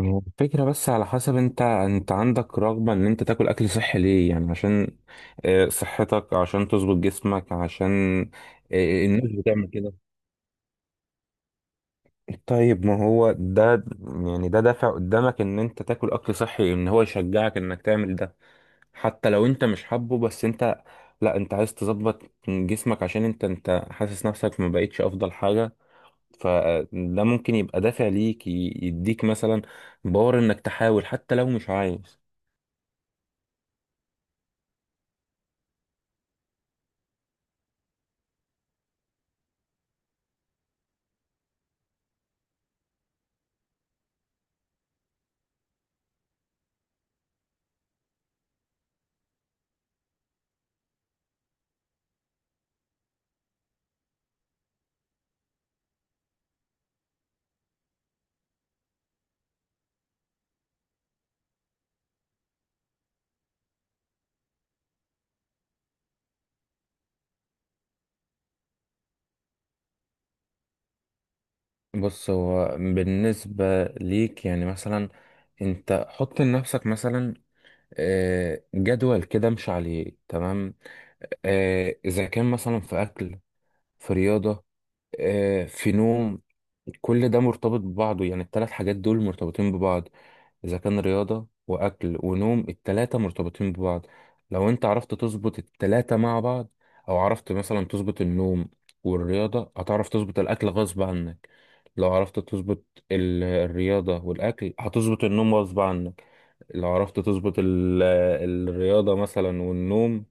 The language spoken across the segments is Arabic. هو الفكرة بس على حسب انت عندك رغبة ان انت تاكل اكل صحي ليه؟ يعني عشان صحتك، عشان تظبط جسمك. عشان الناس بتعمل كده. طيب، ما هو ده، يعني ده دافع قدامك ان انت تاكل اكل صحي، ان هو يشجعك انك تعمل ده حتى لو انت مش حابه. بس انت، لا انت عايز تظبط جسمك عشان انت حاسس نفسك ما بقتش افضل حاجة. فده ممكن يبقى دافع ليك، يديك مثلا باور انك تحاول حتى لو مش عايز. بص، هو بالنسبة ليك يعني مثلا انت حط لنفسك مثلا جدول كده امشي عليه، تمام. اذا كان مثلا في اكل، في رياضة، في نوم، كل ده مرتبط ببعضه. يعني الثلاث حاجات دول مرتبطين ببعض. إذا كان رياضة وأكل ونوم، التلاتة مرتبطين ببعض. لو أنت عرفت تظبط التلاتة مع بعض، أو عرفت مثلا تظبط النوم والرياضة، هتعرف تظبط الأكل غصب عنك. لو عرفت تظبط الرياضة والأكل، هتظبط النوم غصب عنك. لو عرفت تظبط الرياضة مثلا والنوم،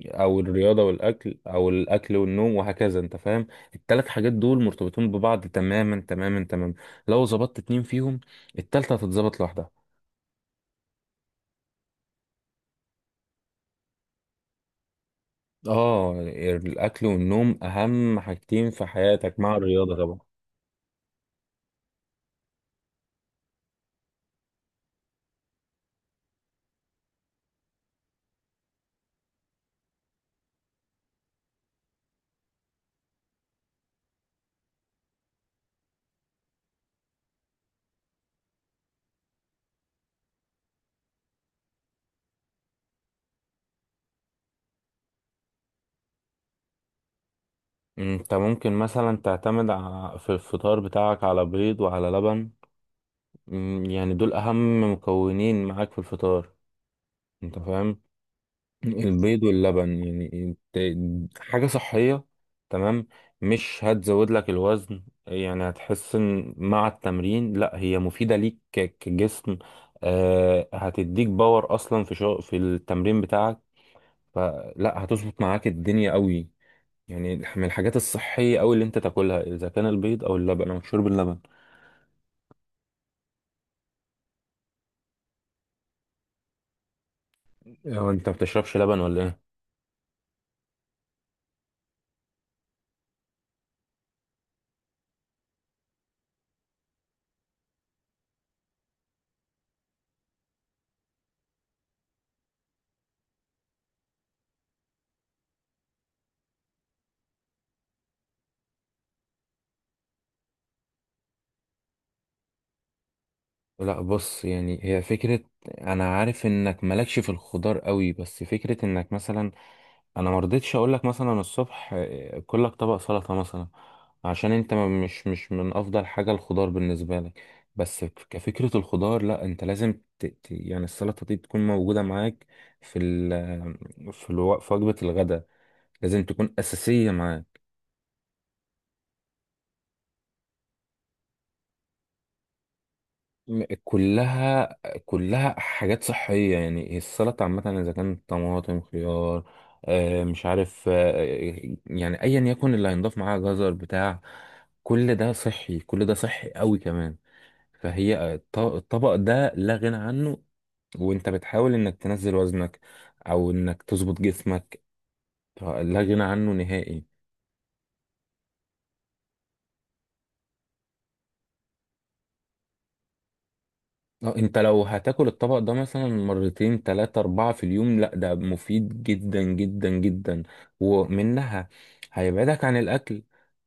او الرياضه والاكل، او الاكل والنوم، وهكذا. انت فاهم؟ الثلاث حاجات دول مرتبطين ببعض تماما تماما تماما. لو ظبطت اتنين فيهم، التالتة هتتظبط لوحدها. اه، الاكل والنوم اهم حاجتين في حياتك مع الرياضه طبعا. انت ممكن مثلا تعتمد في الفطار بتاعك على بيض وعلى لبن. يعني دول اهم مكونين معاك في الفطار. انت فاهم، البيض واللبن يعني حاجة صحية. تمام. مش هتزود لك الوزن، يعني هتحس ان مع التمرين لا هي مفيدة ليك كجسم. هتديك باور اصلا في شغل في التمرين بتاعك. فلا، هتظبط معاك الدنيا قوي. يعني من الحاجات الصحية قوي اللي انت تاكلها اذا كان البيض او اللبن، او شرب اللبن. هو انت ما بتشربش لبن ولا ايه؟ لا، بص، يعني هي فكرة. انا عارف انك مالكش في الخضار قوي، بس فكرة انك مثلا، انا مرضتش اقولك مثلا الصبح كلك طبق سلطة مثلا، عشان انت مش من افضل حاجة الخضار بالنسبة لك. بس كفكرة الخضار، لا انت لازم يعني السلطة دي تكون موجودة معاك في ال... في الو... في وجبة الغداء. لازم تكون اساسية معاك. كلها، كلها حاجات صحية. يعني هي السلطة عامة، إذا كانت طماطم، خيار، مش عارف، يعني أيا يكن اللي هينضاف معاها، جزر بتاع. كل ده صحي، كل ده صحي قوي كمان. فهي الطبق ده لا غنى عنه. وأنت بتحاول إنك تنزل وزنك، أو إنك تظبط جسمك، لا غنى عنه نهائي. اه، انت لو هتاكل الطبق ده مثلا مرتين تلاتة اربعة في اليوم، لا ده مفيد جدا جدا جدا. ومنها، هيبعدك عن الاكل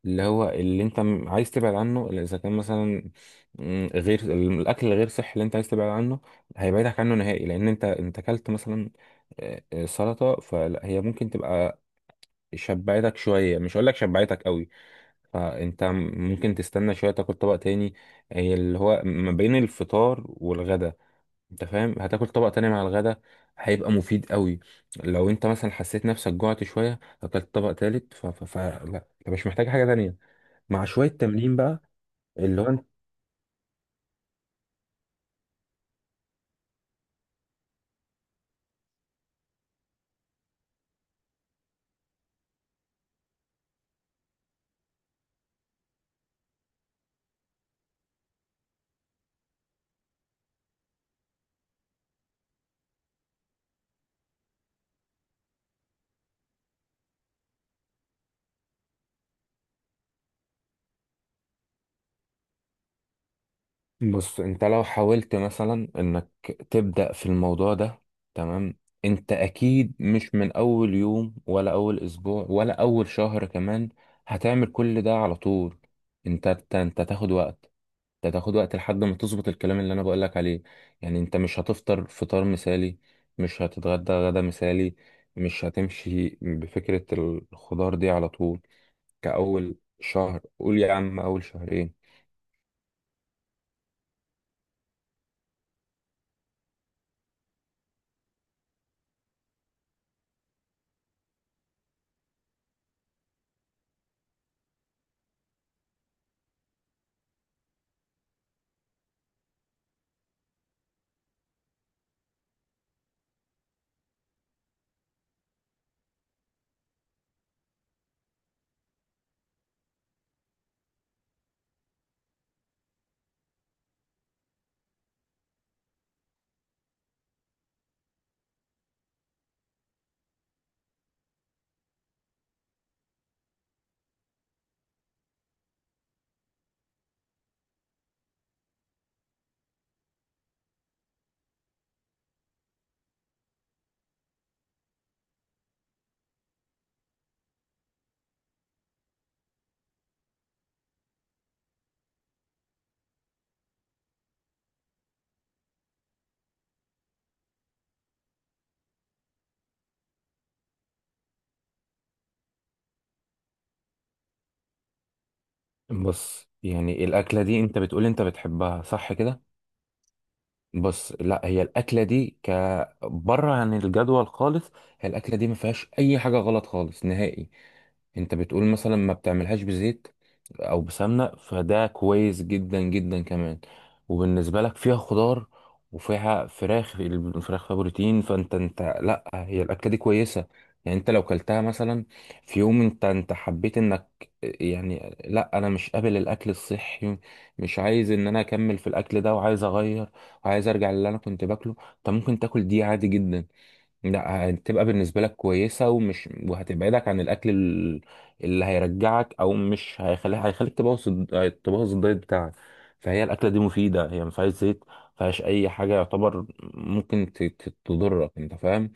اللي هو، اللي انت عايز تبعد عنه. اللي اذا كان مثلا غير الاكل الغير صحي اللي انت عايز تبعد عنه، هيبعدك عنه نهائي. لان انت اكلت مثلا سلطة، فهي ممكن تبقى شبعتك شوية، مش هقول لك شبعتك قوي. فانت ممكن تستنى شوية تاكل طبق تاني، هي اللي هو ما بين الفطار والغدا. انت فاهم، هتاكل طبق تاني مع الغدا، هيبقى مفيد قوي. لو انت مثلا حسيت نفسك جوعت شويه اكلت طبق تالت، لا، انت مش محتاج حاجه تانية. مع شويه تمرين بقى، اللي هو انت. بص، انت لو حاولت مثلا انك تبدا في الموضوع ده، تمام. انت اكيد مش من اول يوم، ولا اول اسبوع، ولا اول شهر كمان هتعمل كل ده على طول. انت تاخد وقت. ده تاخد وقت لحد ما تظبط الكلام اللي انا بقولك عليه. يعني انت مش هتفطر فطار مثالي، مش هتتغدى غدا مثالي، مش هتمشي بفكرة الخضار دي على طول. كأول شهر، قول يا عم أول شهرين. بص يعني الأكلة دي انت بتقول انت بتحبها صح كده؟ بص، لا هي الاكله دي كبره عن الجدول خالص. هي الاكله دي ما فيهاش اي حاجه غلط خالص نهائي. انت بتقول مثلا ما بتعملهاش بزيت او بسمنه، فده كويس جدا جدا كمان. وبالنسبه لك فيها خضار، وفيها فراخ. الفراخ فيها بروتين. فانت لا، هي الاكله دي كويسه. يعني انت لو كلتها مثلا في يوم، انت حبيت انك يعني لا انا مش قابل الاكل الصحي، مش عايز ان انا اكمل في الاكل ده، وعايز اغير، عايز ارجع للي انا كنت باكله. طب ممكن تاكل دي عادي جدا. لا، هتبقى بالنسبه لك كويسه، ومش وهتبعدك عن الاكل اللي هيرجعك، او مش هيخليك، هيخليك تبوظ تبوظ الدايت بتاعك. فهي الاكله دي مفيده، هي ما فيهاش زيت، ما فيهاش اي حاجه يعتبر ممكن تضرك. انت فاهم.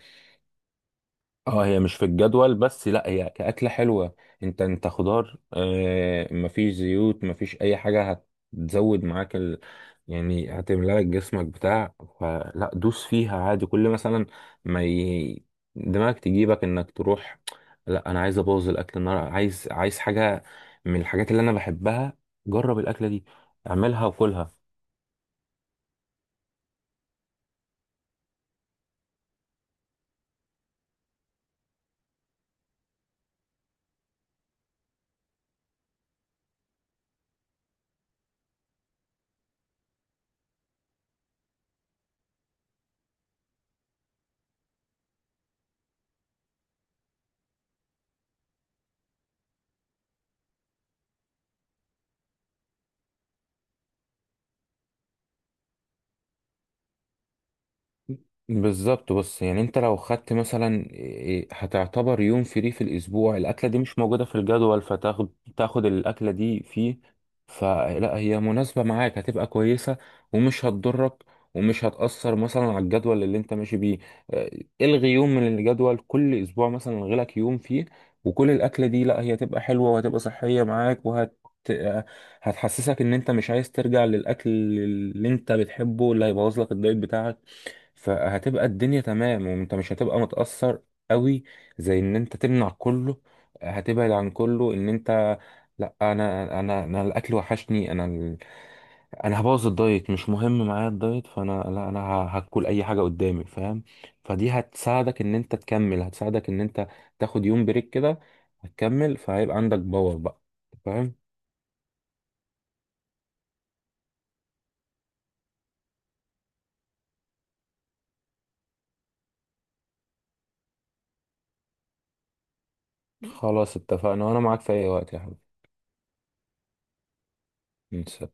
اه، هي مش في الجدول بس، لا هي كأكلة حلوة. انت خضار، مفيش زيوت، مفيش اي حاجة. هتزود معاك يعني هتملى لك جسمك بتاع. فلا، دوس فيها عادي، كل مثلا ما دماغك تجيبك انك تروح، لا انا عايز ابوظ الاكل النهارده، عايز حاجة من الحاجات اللي انا بحبها. جرب الاكلة دي، اعملها وكلها. بالظبط. بص يعني انت لو خدت مثلا هتعتبر يوم فري في الاسبوع. الاكله دي مش موجوده في الجدول، فتاخد، تاخد الاكله دي فيه. فلا، هي مناسبه معاك، هتبقى كويسه ومش هتضرك، ومش هتاثر مثلا على الجدول اللي انت ماشي بيه. آه، الغي يوم من الجدول كل اسبوع مثلا، الغي لك يوم فيه. وكل الاكله دي، لا هي هتبقى حلوه وهتبقى صحيه معاك، وهت آه، هتحسسك ان انت مش عايز ترجع للاكل اللي انت بتحبه اللي هيبوظ لك الدايت بتاعك. فهتبقى الدنيا تمام، وانت مش هتبقى متأثر قوي. زي ان انت تمنع كله، هتبعد عن كله، ان انت لا، انا الاكل وحشني. انا هبوظ الدايت، مش مهم معايا الدايت، فانا لا انا هاكل اي حاجه قدامي، فاهم؟ فدي هتساعدك ان انت تكمل، هتساعدك ان انت تاخد يوم بريك كده، هتكمل. فهيبقى عندك باور بقى. فاهم؟ خلاص اتفقنا، وانا معاك في اي وقت يا حبيبي.